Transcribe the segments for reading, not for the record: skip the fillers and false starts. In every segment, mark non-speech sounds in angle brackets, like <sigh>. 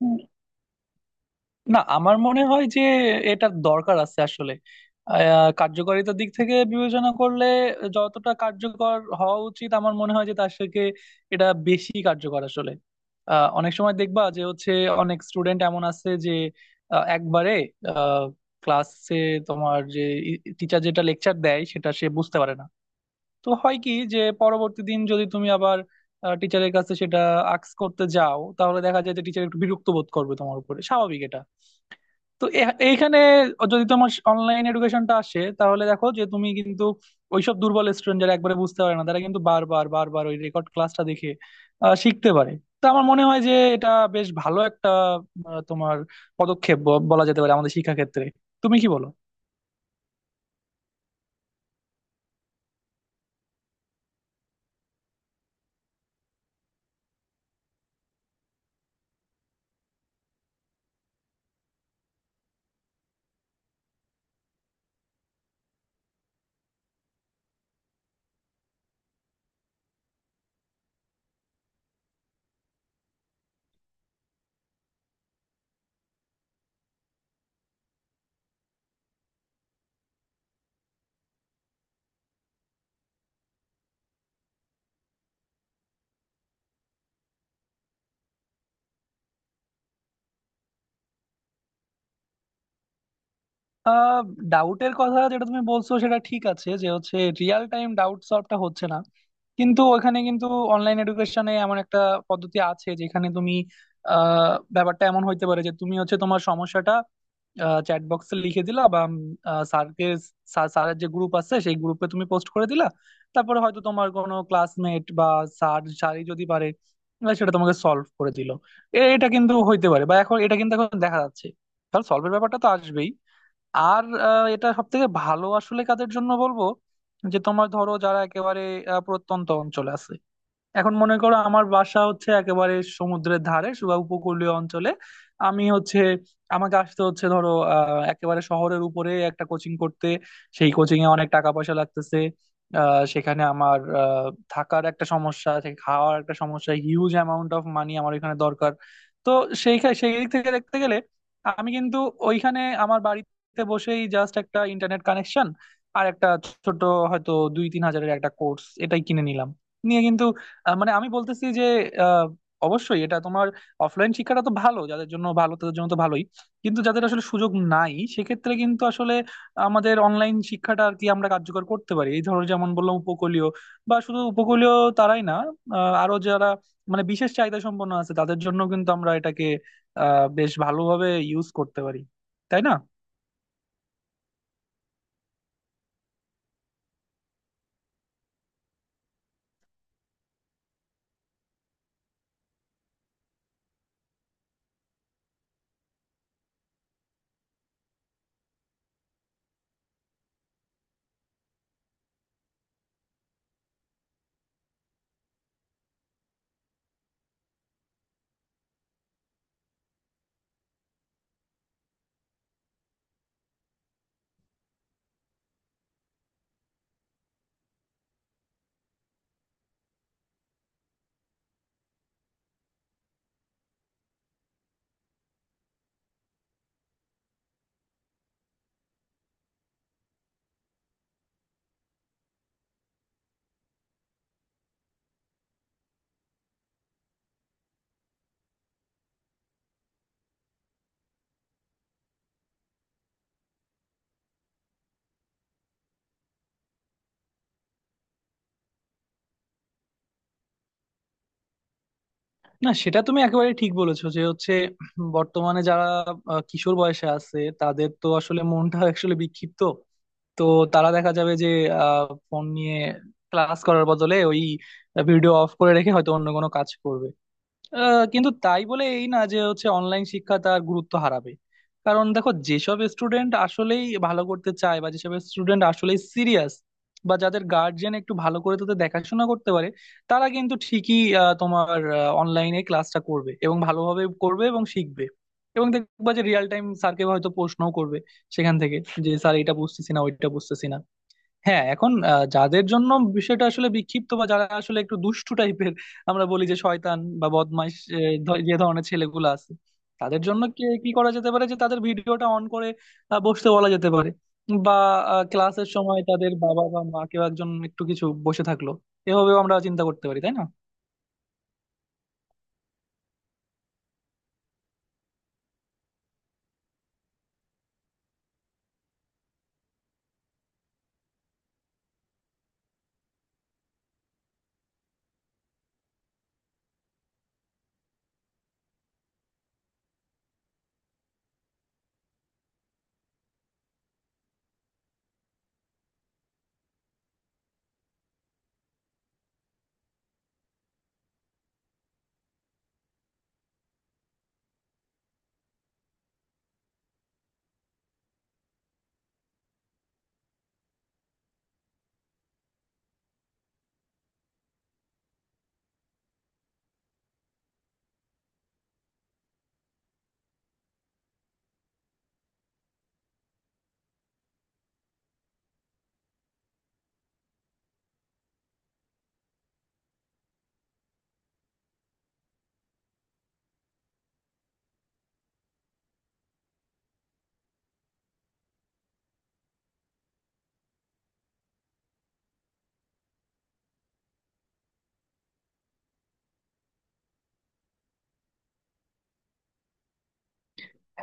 উম, না, আমার মনে হয় যে এটার দরকার আছে আসলে। কার্যকারিতার দিক থেকে বিবেচনা করলে যতটা কার্যকর হওয়া উচিত আমার মনে হয় যে তার থেকে এটা বেশি কার্যকর আসলে। অনেক সময় দেখবা যে হচ্ছে অনেক স্টুডেন্ট এমন আছে যে একবারে ক্লাসে তোমার যে টিচার যেটা লেকচার দেয় সেটা সে বুঝতে পারে না। তো হয় কি যে পরবর্তী দিন যদি তুমি আবার টিচারের কাছে সেটা আক্স করতে যাও তাহলে দেখা যায় যে টিচার একটু বিরক্ত বোধ করবে তোমার উপরে, স্বাভাবিক এটা। তো এইখানে যদি তোমার অনলাইন এডুকেশনটা আসে তাহলে দেখো যে তুমি কিন্তু ওইসব দুর্বল স্টুডেন্ট যারা একবারে বুঝতে পারে না তারা কিন্তু বারবার বারবার ওই রেকর্ড ক্লাসটা দেখে শিখতে পারে। তো আমার মনে হয় যে এটা বেশ ভালো একটা তোমার পদক্ষেপ বলা যেতে পারে আমাদের শিক্ষা ক্ষেত্রে। তুমি কি বলো? আহ ডাউটের কথা যেটা তুমি বলছো সেটা ঠিক আছে, যে হচ্ছে রিয়েল টাইম ডাউট সলভটা হচ্ছে না। কিন্তু ওখানে কিন্তু অনলাইন এডুকেশনে এমন একটা পদ্ধতি আছে যেখানে তুমি ব্যাপারটা এমন হইতে পারে যে তুমি হচ্ছে তোমার সমস্যাটা চ্যাট বক্সে লিখে দিলা বা স্যারকে, স্যারের যে গ্রুপ আছে সেই গ্রুপে তুমি পোস্ট করে দিলা। তারপরে হয়তো তোমার কোনো ক্লাসমেট বা স্যার, স্যারই যদি পারে সেটা তোমাকে সলভ করে দিল। এটা কিন্তু হইতে পারে, বা এখন এটা কিন্তু এখন দেখা যাচ্ছে। তাহলে সলভের ব্যাপারটা তো আসবেই। আর এটা সব থেকে ভালো আসলে কাদের জন্য বলবো, যে তোমার ধরো যারা একেবারে প্রত্যন্ত অঞ্চলে আছে। এখন মনে করো আমার বাসা হচ্ছে একেবারে সমুদ্রের ধারে বা উপকূলীয় অঞ্চলে, আমি হচ্ছে আমাকে আসতে হচ্ছে ধরো একেবারে শহরের উপরে একটা কোচিং করতে। সেই কোচিং এ অনেক টাকা পয়সা লাগতেছে। সেখানে আমার থাকার একটা সমস্যা আছে, খাওয়ার একটা সমস্যা, হিউজ অ্যামাউন্ট অফ মানি আমার এখানে দরকার। তো সেই দিক থেকে দেখতে গেলে আমি কিন্তু ওইখানে আমার বাড়িতে বসেই জাস্ট একটা ইন্টারনেট কানেকশন আর একটা ছোট হয়তো 2-3 হাজারের একটা কোর্স এটাই কিনে নিলাম নিয়ে কিন্তু মানে আমি বলতেছি যে আহ, অবশ্যই এটা তোমার অফলাইন শিক্ষাটা তো ভালো, যাদের জন্য ভালো তাদের জন্য তো ভালোই। কিন্তু যাদের আসলে সুযোগ নাই সেক্ষেত্রে কিন্তু আসলে আমাদের অনলাইন শিক্ষাটা আর কি আমরা কার্যকর করতে পারি, এই ধরো যেমন বললাম উপকূলীয় বা শুধু উপকূলীয় তারাই না, আরো যারা মানে বিশেষ চাহিদা সম্পন্ন আছে তাদের জন্য কিন্তু আমরা এটাকে বেশ ভালোভাবে ইউজ করতে পারি, তাই না? না সেটা তুমি একেবারে ঠিক বলেছো, যে হচ্ছে বর্তমানে যারা কিশোর বয়সে আছে তাদের তো আসলে মনটা <laughs> আসলে বিক্ষিপ্ত। তো তারা দেখা যাবে যে ফোন নিয়ে ক্লাস করার বদলে ওই ভিডিও অফ করে রেখে হয়তো অন্য কোনো কাজ করবে। কিন্তু তাই বলে এই না যে হচ্ছে অনলাইন শিক্ষা তার গুরুত্ব হারাবে। কারণ দেখো যেসব স্টুডেন্ট আসলেই ভালো করতে চায় বা যেসব স্টুডেন্ট আসলেই সিরিয়াস বা যাদের গার্জিয়ান একটু ভালো করে তাদের দেখাশোনা করতে পারে তারা কিন্তু ঠিকই তোমার অনলাইনে ক্লাসটা করবে এবং ভালোভাবে করবে এবং শিখবে। এবং দেখবা যে রিয়েল টাইম স্যারকে হয়তো প্রশ্নও করবে সেখান থেকে, যে স্যার এটা বুঝতেছি না ওইটা বুঝতেছি না। হ্যাঁ, এখন যাদের জন্য বিষয়টা আসলে বিক্ষিপ্ত বা যারা আসলে একটু দুষ্টু টাইপের, আমরা বলি যে শয়তান বা বদমাইশ যে ধরনের ছেলেগুলো আছে তাদের জন্য কি কি করা যেতে পারে, যে তাদের ভিডিওটা অন করে বসতে বলা যেতে পারে। বা ক্লাসের সময় তাদের বাবা বা মা কেউ একজন একটু কিছু বসে থাকলো। এভাবেও আমরা চিন্তা করতে পারি, তাই না?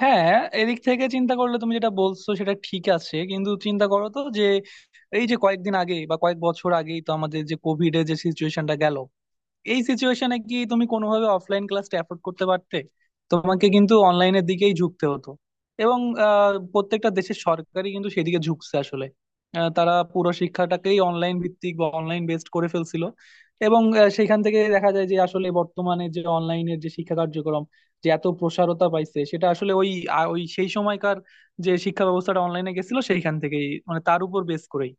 হ্যাঁ, এদিক থেকে চিন্তা করলে তুমি যেটা বলছো সেটা ঠিক আছে, কিন্তু চিন্তা করো তো যে এই যে কয়েকদিন আগে বা কয়েক বছর আগেই তো আমাদের যে কোভিড এর যে সিচুয়েশনটা গেল, এই সিচুয়েশনে কি তুমি কোনোভাবে অফলাইন ক্লাসটা অ্যাফোর্ড করতে পারতে? তোমাকে কিন্তু অনলাইনের দিকেই ঝুঁকতে হতো। এবং প্রত্যেকটা দেশের সরকারই কিন্তু সেদিকে ঝুঁকছে আসলে। তারা পুরো শিক্ষাটাকেই অনলাইন ভিত্তিক বা অনলাইন বেসড করে ফেলছিল। এবং সেখান থেকে দেখা যায় যে আসলে বর্তমানে যে অনলাইনের যে শিক্ষা কার্যক্রম যে এত প্রসারতা পাইছে সেটা আসলে ওই ওই সেই সময়কার যে শিক্ষা ব্যবস্থাটা অনলাইনে গেছিল সেইখান থেকেই, মানে তার উপর বেস করেই।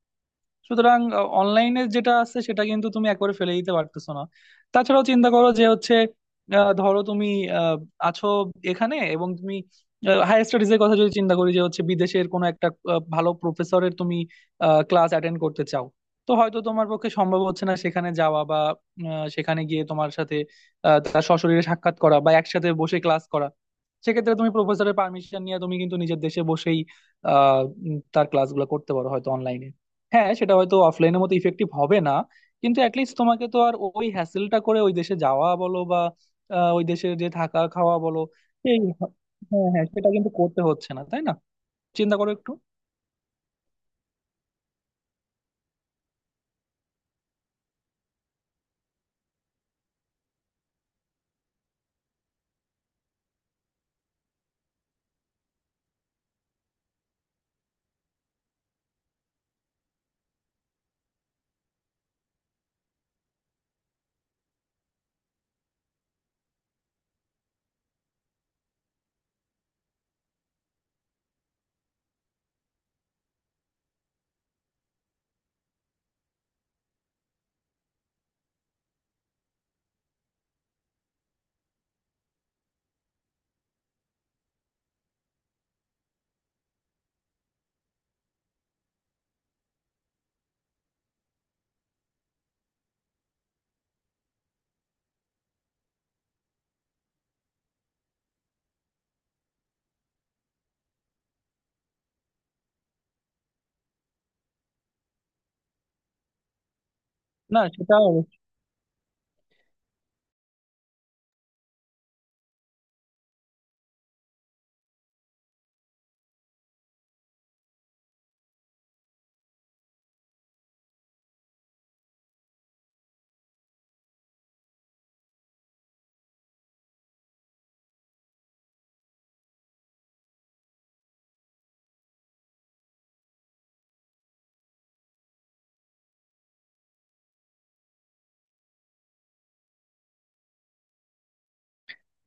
সুতরাং অনলাইনে যেটা আছে সেটা কিন্তু তুমি একবারে ফেলে দিতে পারতেছো না। তাছাড়াও চিন্তা করো যে হচ্ছে ধরো তুমি আহ, আছো এখানে, এবং তুমি হায়ার স্টাডিজ এর কথা যদি চিন্তা করি যে হচ্ছে বিদেশের কোনো একটা ভালো প্রফেসরের তুমি ক্লাস অ্যাটেন্ড করতে চাও। তো হয়তো তোমার পক্ষে সম্ভব হচ্ছে না সেখানে যাওয়া বা সেখানে গিয়ে তোমার সাথে তার সশরীরে সাক্ষাৎ করা বা একসাথে বসে ক্লাস করা। সেক্ষেত্রে তুমি প্রফেসরের পারমিশন নিয়ে তুমি কিন্তু নিজের দেশে বসেই আহ তার ক্লাসগুলো করতে পারো হয়তো অনলাইনে। হ্যাঁ, সেটা হয়তো অফলাইনের মতো ইফেক্টিভ হবে না। কিন্তু অ্যাটলিস্ট তোমাকে তো আর ওই হ্যাসেলটা করে ওই দেশে যাওয়া বলো বা ওই দেশে যে থাকা খাওয়া বলো এই। হ্যাঁ হ্যাঁ, সেটা কিন্তু করতে হচ্ছে না, তাই না? চিন্তা করো একটু। না সেটা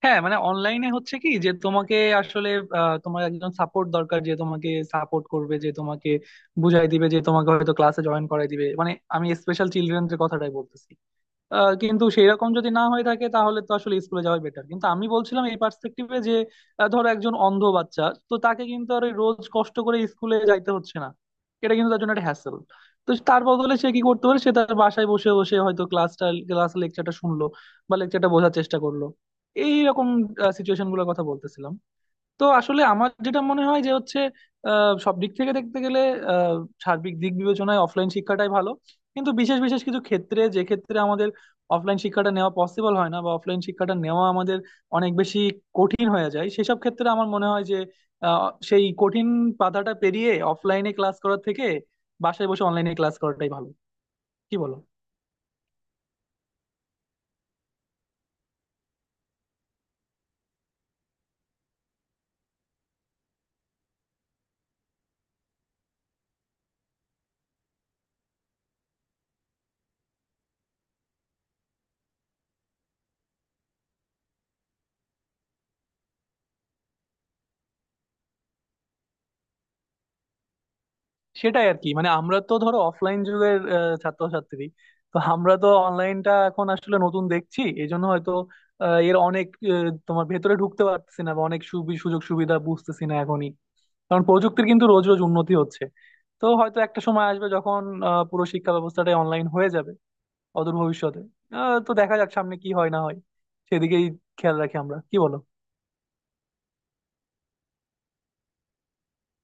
হ্যাঁ, মানে অনলাইনে হচ্ছে কি যে তোমাকে আসলে তোমার একজন সাপোর্ট দরকার, যে তোমাকে সাপোর্ট করবে, যে তোমাকে বুঝাই দিবে, যে তোমাকে হয়তো ক্লাসে জয়েন করাই দিবে, মানে আমি স্পেশাল চিলড্রেনদের কথাটাই বলতেছি। কিন্তু সেই রকম যদি না হয়ে থাকে তাহলে তো আসলে স্কুলে যাওয়াই বেটার, কিন্তু আমি বলছিলাম এই পার্সপেক্টিভে যে ধরো একজন অন্ধ বাচ্চা, তো তাকে কিন্তু আর ওই রোজ কষ্ট করে স্কুলে যাইতে হচ্ছে না। এটা কিন্তু তার জন্য একটা হ্যাসেল। তো তার বদলে সে কি করতে পারে, সে তার বাসায় বসে বসে হয়তো ক্লাসটা ক্লাস লেকচারটা শুনলো বা লেকচারটা বোঝার চেষ্টা করলো। এই রকম সিচুয়েশন গুলোর কথা বলতেছিলাম। তো আসলে আমার যেটা মনে হয় যে হচ্ছে সব দিক থেকে দেখতে গেলে আহ, সার্বিক দিক বিবেচনায় অফলাইন শিক্ষাটাই ভালো। কিন্তু বিশেষ বিশেষ কিছু ক্ষেত্রে, যে ক্ষেত্রে আমাদের অফলাইন শিক্ষাটা নেওয়া পসিবল হয় না বা অফলাইন শিক্ষাটা নেওয়া আমাদের অনেক বেশি কঠিন হয়ে যায়, সেসব ক্ষেত্রে আমার মনে হয় যে সেই কঠিন বাধাটা পেরিয়ে অফলাইনে ক্লাস করার থেকে বাসায় বসে অনলাইনে ক্লাস করাটাই ভালো। কি বলো? সেটাই আর কি, মানে আমরা তো ধরো অফলাইন যুগের ছাত্রছাত্রী। তো আমরা তো অনলাইনটা এখন আসলে নতুন দেখছি, এই জন্য হয়তো এর অনেক তোমার ভেতরে ঢুকতে পারতেছি না বা অনেক সুযোগ সুবিধা বুঝতেছি না এখনই। কারণ প্রযুক্তির কিন্তু রোজ রোজ উন্নতি হচ্ছে। তো হয়তো একটা সময় আসবে যখন পুরো শিক্ষা ব্যবস্থাটাই অনলাইন হয়ে যাবে অদূর ভবিষ্যতে। তো দেখা যাক সামনে কি হয় না হয়, সেদিকেই খেয়াল রাখি আমরা, কি বলো?